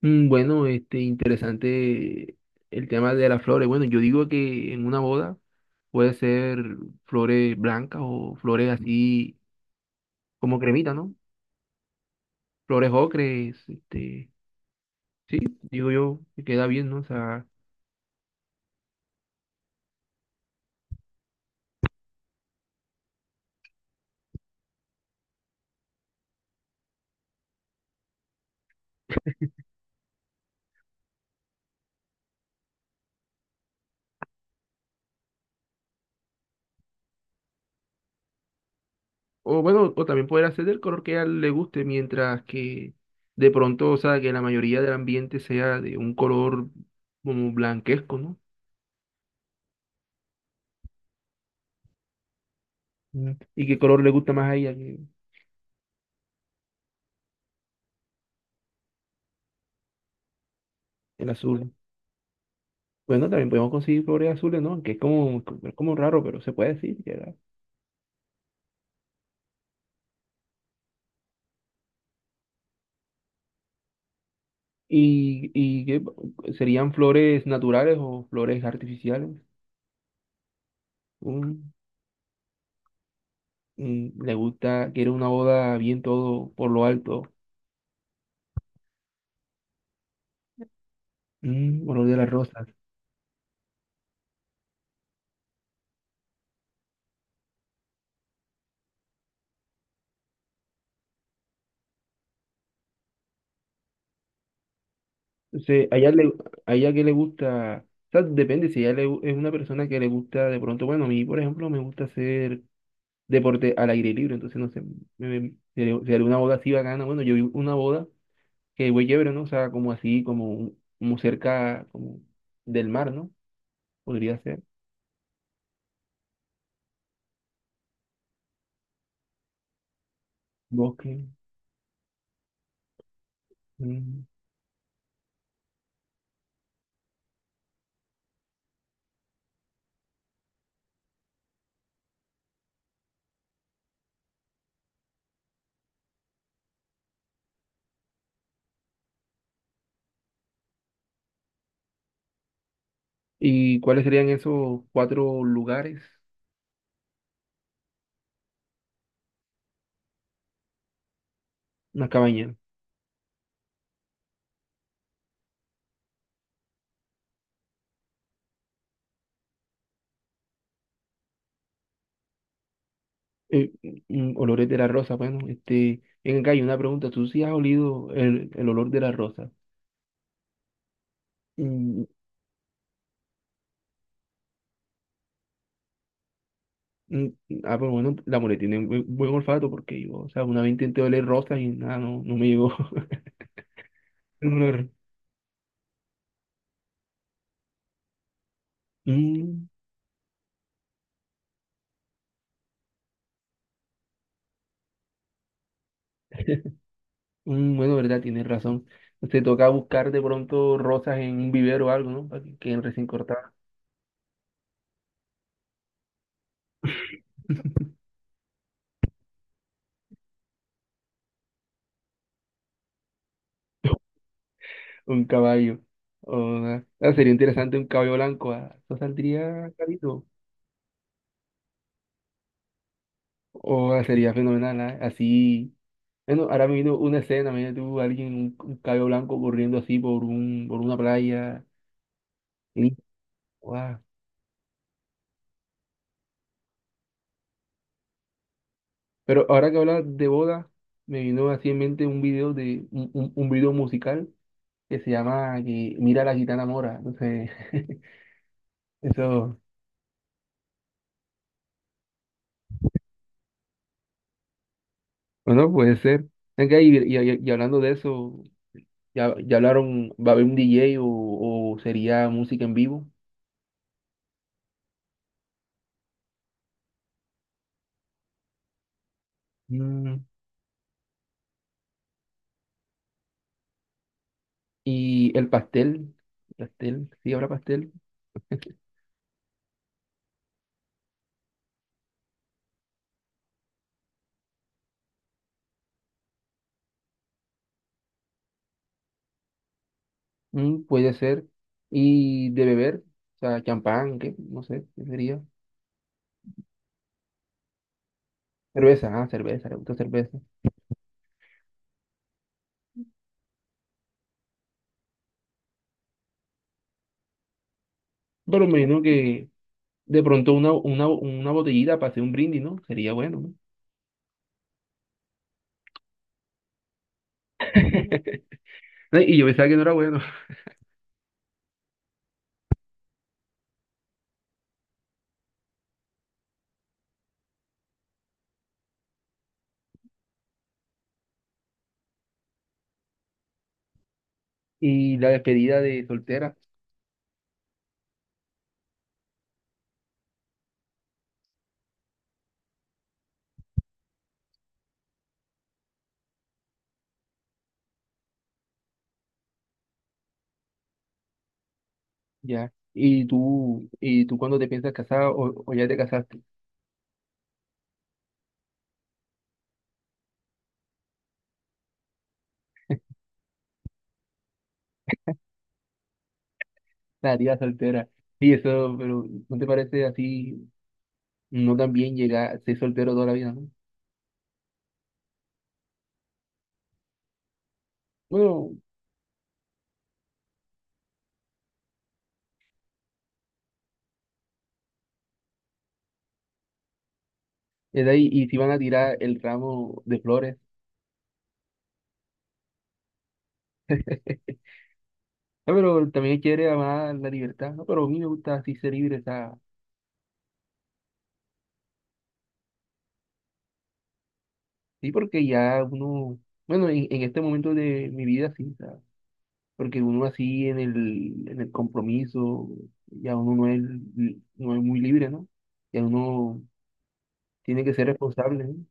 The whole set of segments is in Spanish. Interesante el tema de las flores. Bueno, yo digo que en una boda puede ser flores blancas o flores así como cremita, ¿no? Flores ocres, este, sí, digo yo que queda bien, ¿no? O sea, o bueno, o también poder hacer del color que a él le guste, mientras que de pronto, o sea, que la mayoría del ambiente sea de un color como blanquesco, ¿no? Mm. ¿Y qué color le gusta más a ella que el azul? Bueno, también podemos conseguir flores azules, ¿no? Que es como raro, pero se puede decir que era. ¿Y, qué serían flores naturales o flores artificiales? Mm, le gusta, quiere una boda bien todo por lo alto, olor de las rosas. Entonces, a ella, le, a ella que le gusta, o sea, depende si ella es una persona que le gusta de pronto, bueno, a mí, por ejemplo, me gusta hacer deporte al aire libre, entonces, no sé, sería una boda así bacana, bueno, yo vi una boda. Que güey chévere, ¿no? O sea, como así, como, como cerca como del mar, ¿no? Podría ser. Bosque. mm. ¿Y cuáles serían esos cuatro lugares? Una cabaña. Eh, olores de la rosa, bueno, este, en acá hay una pregunta, ¿tú sí has olido el olor de la rosa? Mm, mm, pero bueno, la mole tiene un buen, buen olfato porque yo, o sea, una vez intenté oler rosas y nada, no, no me llegó el olor. Mm, Bueno, verdad, tienes razón. Se toca buscar de pronto rosas en un vivero o algo, ¿no? Para que queden recién cortadas. Un caballo. Sería interesante un caballo blanco. Eso saldría carito. Sería fenomenal, así. Bueno, ahora me vino una escena, me vino tú, alguien, un caballo blanco corriendo así por por una playa. Y, guau. Pero ahora que hablas de boda, me vino así en mente un video de un video musical que se llama que Mira la gitana mora. Entonces, eso. Bueno, puede ser. Venga, y, hablando de eso, ya hablaron, ¿va a haber un DJ o sería música en vivo? Mm, y el pastel, pastel, sí, habrá pastel. Puede ser. Y de beber, o sea, champán, ¿qué? No sé, ¿qué sería? Cerveza, ah, cerveza, le gusta cerveza. Pero me imagino que de pronto una botellita para hacer un brindis, ¿no? Sería bueno, ¿no? Y yo pensaba que no era bueno. Y la despedida de soltera. Ya. Y tú cuando te piensas casar o ya te casaste? La tía soltera. Sí, eso, pero ¿no te parece así no tan bien llegar, ser soltero toda la vida, ¿no? Bueno, es ahí, y si van a tirar el ramo de flores. Ah, pero también quiere amar la libertad, ¿no? Pero a mí me gusta así ser libre, o sea, sí, porque ya uno, bueno, en este momento de mi vida sí, o sea, porque uno así en en el compromiso, ya uno no es, no es muy libre, ¿no? Ya uno tiene que ser responsable, ¿no?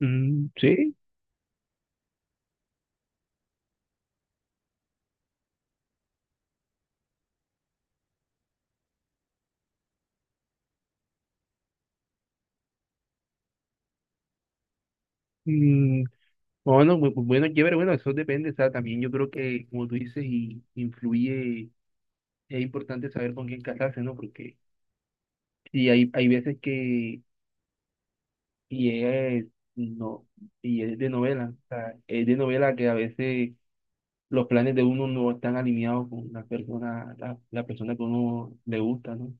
Mm, sí. Mm, bueno, chévere, bueno, eso depende, o sea, también yo creo que, como tú dices, y influye, es importante saber con quién casarse, ¿no? Porque y hay veces que, y es, no, y es de novela, o sea, es de novela que a veces los planes de uno no están alineados con la persona, la persona que uno le gusta, ¿no?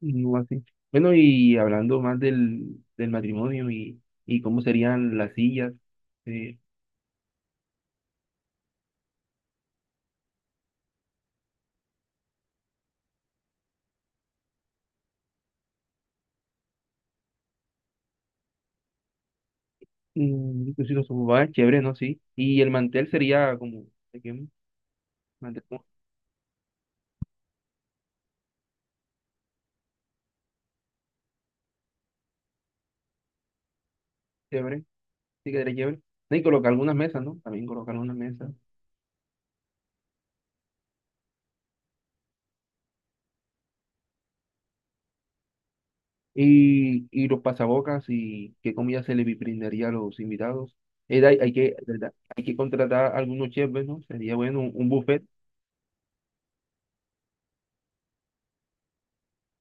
No así. Bueno, y hablando más del matrimonio y cómo serían las sillas, eh, pues sí, los sofás, chévere, ¿no? Sí. Y el mantel sería como, ¿de qué? Mantel como chévere, sí quedaría chévere. No, y colocar algunas mesas, ¿no? También colocar algunas mesas. Y los pasabocas y qué comida se le brindaría a los invitados. Hay que, ¿verdad? Hay que contratar algunos chefs, ¿no? Sería bueno un buffet.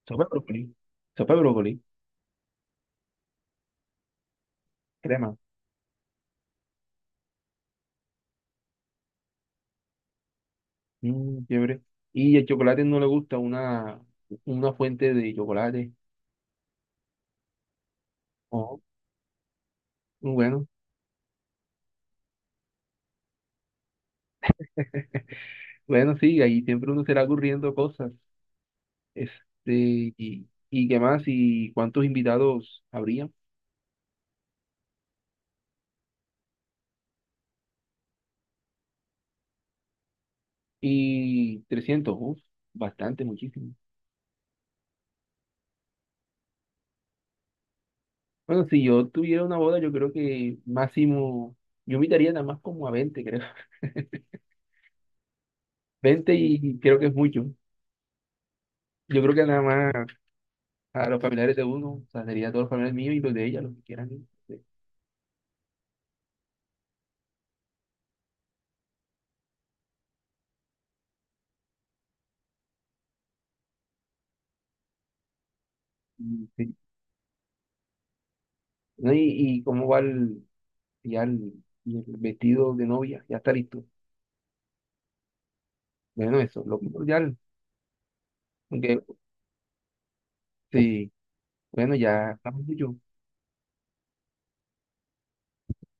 Sopa de brócoli, sopa de brócoli, crema. Mm, chévere. Y el chocolate no le gusta una fuente de chocolate. Oh, bueno, bueno, sí, ahí siempre uno será ocurriendo cosas. Este, y qué más, y cuántos invitados habría. Y 300 uf, bastante, muchísimo. Bueno, si yo tuviera una boda, yo creo que máximo, yo invitaría nada más como a 20 creo. 20 y creo que es mucho. Yo creo que nada más a los familiares de uno, o sea, sería a todos los familiares míos y los de ella, los que quieran ir. Sí. ¿No? Y cómo va el, ya el, y el vestido de novia? Ya está listo. Bueno, eso, lo primordial. Aunque, sí, bueno, ya estamos yo.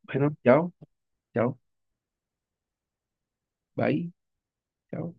Bueno, chao, chao, bye, chao.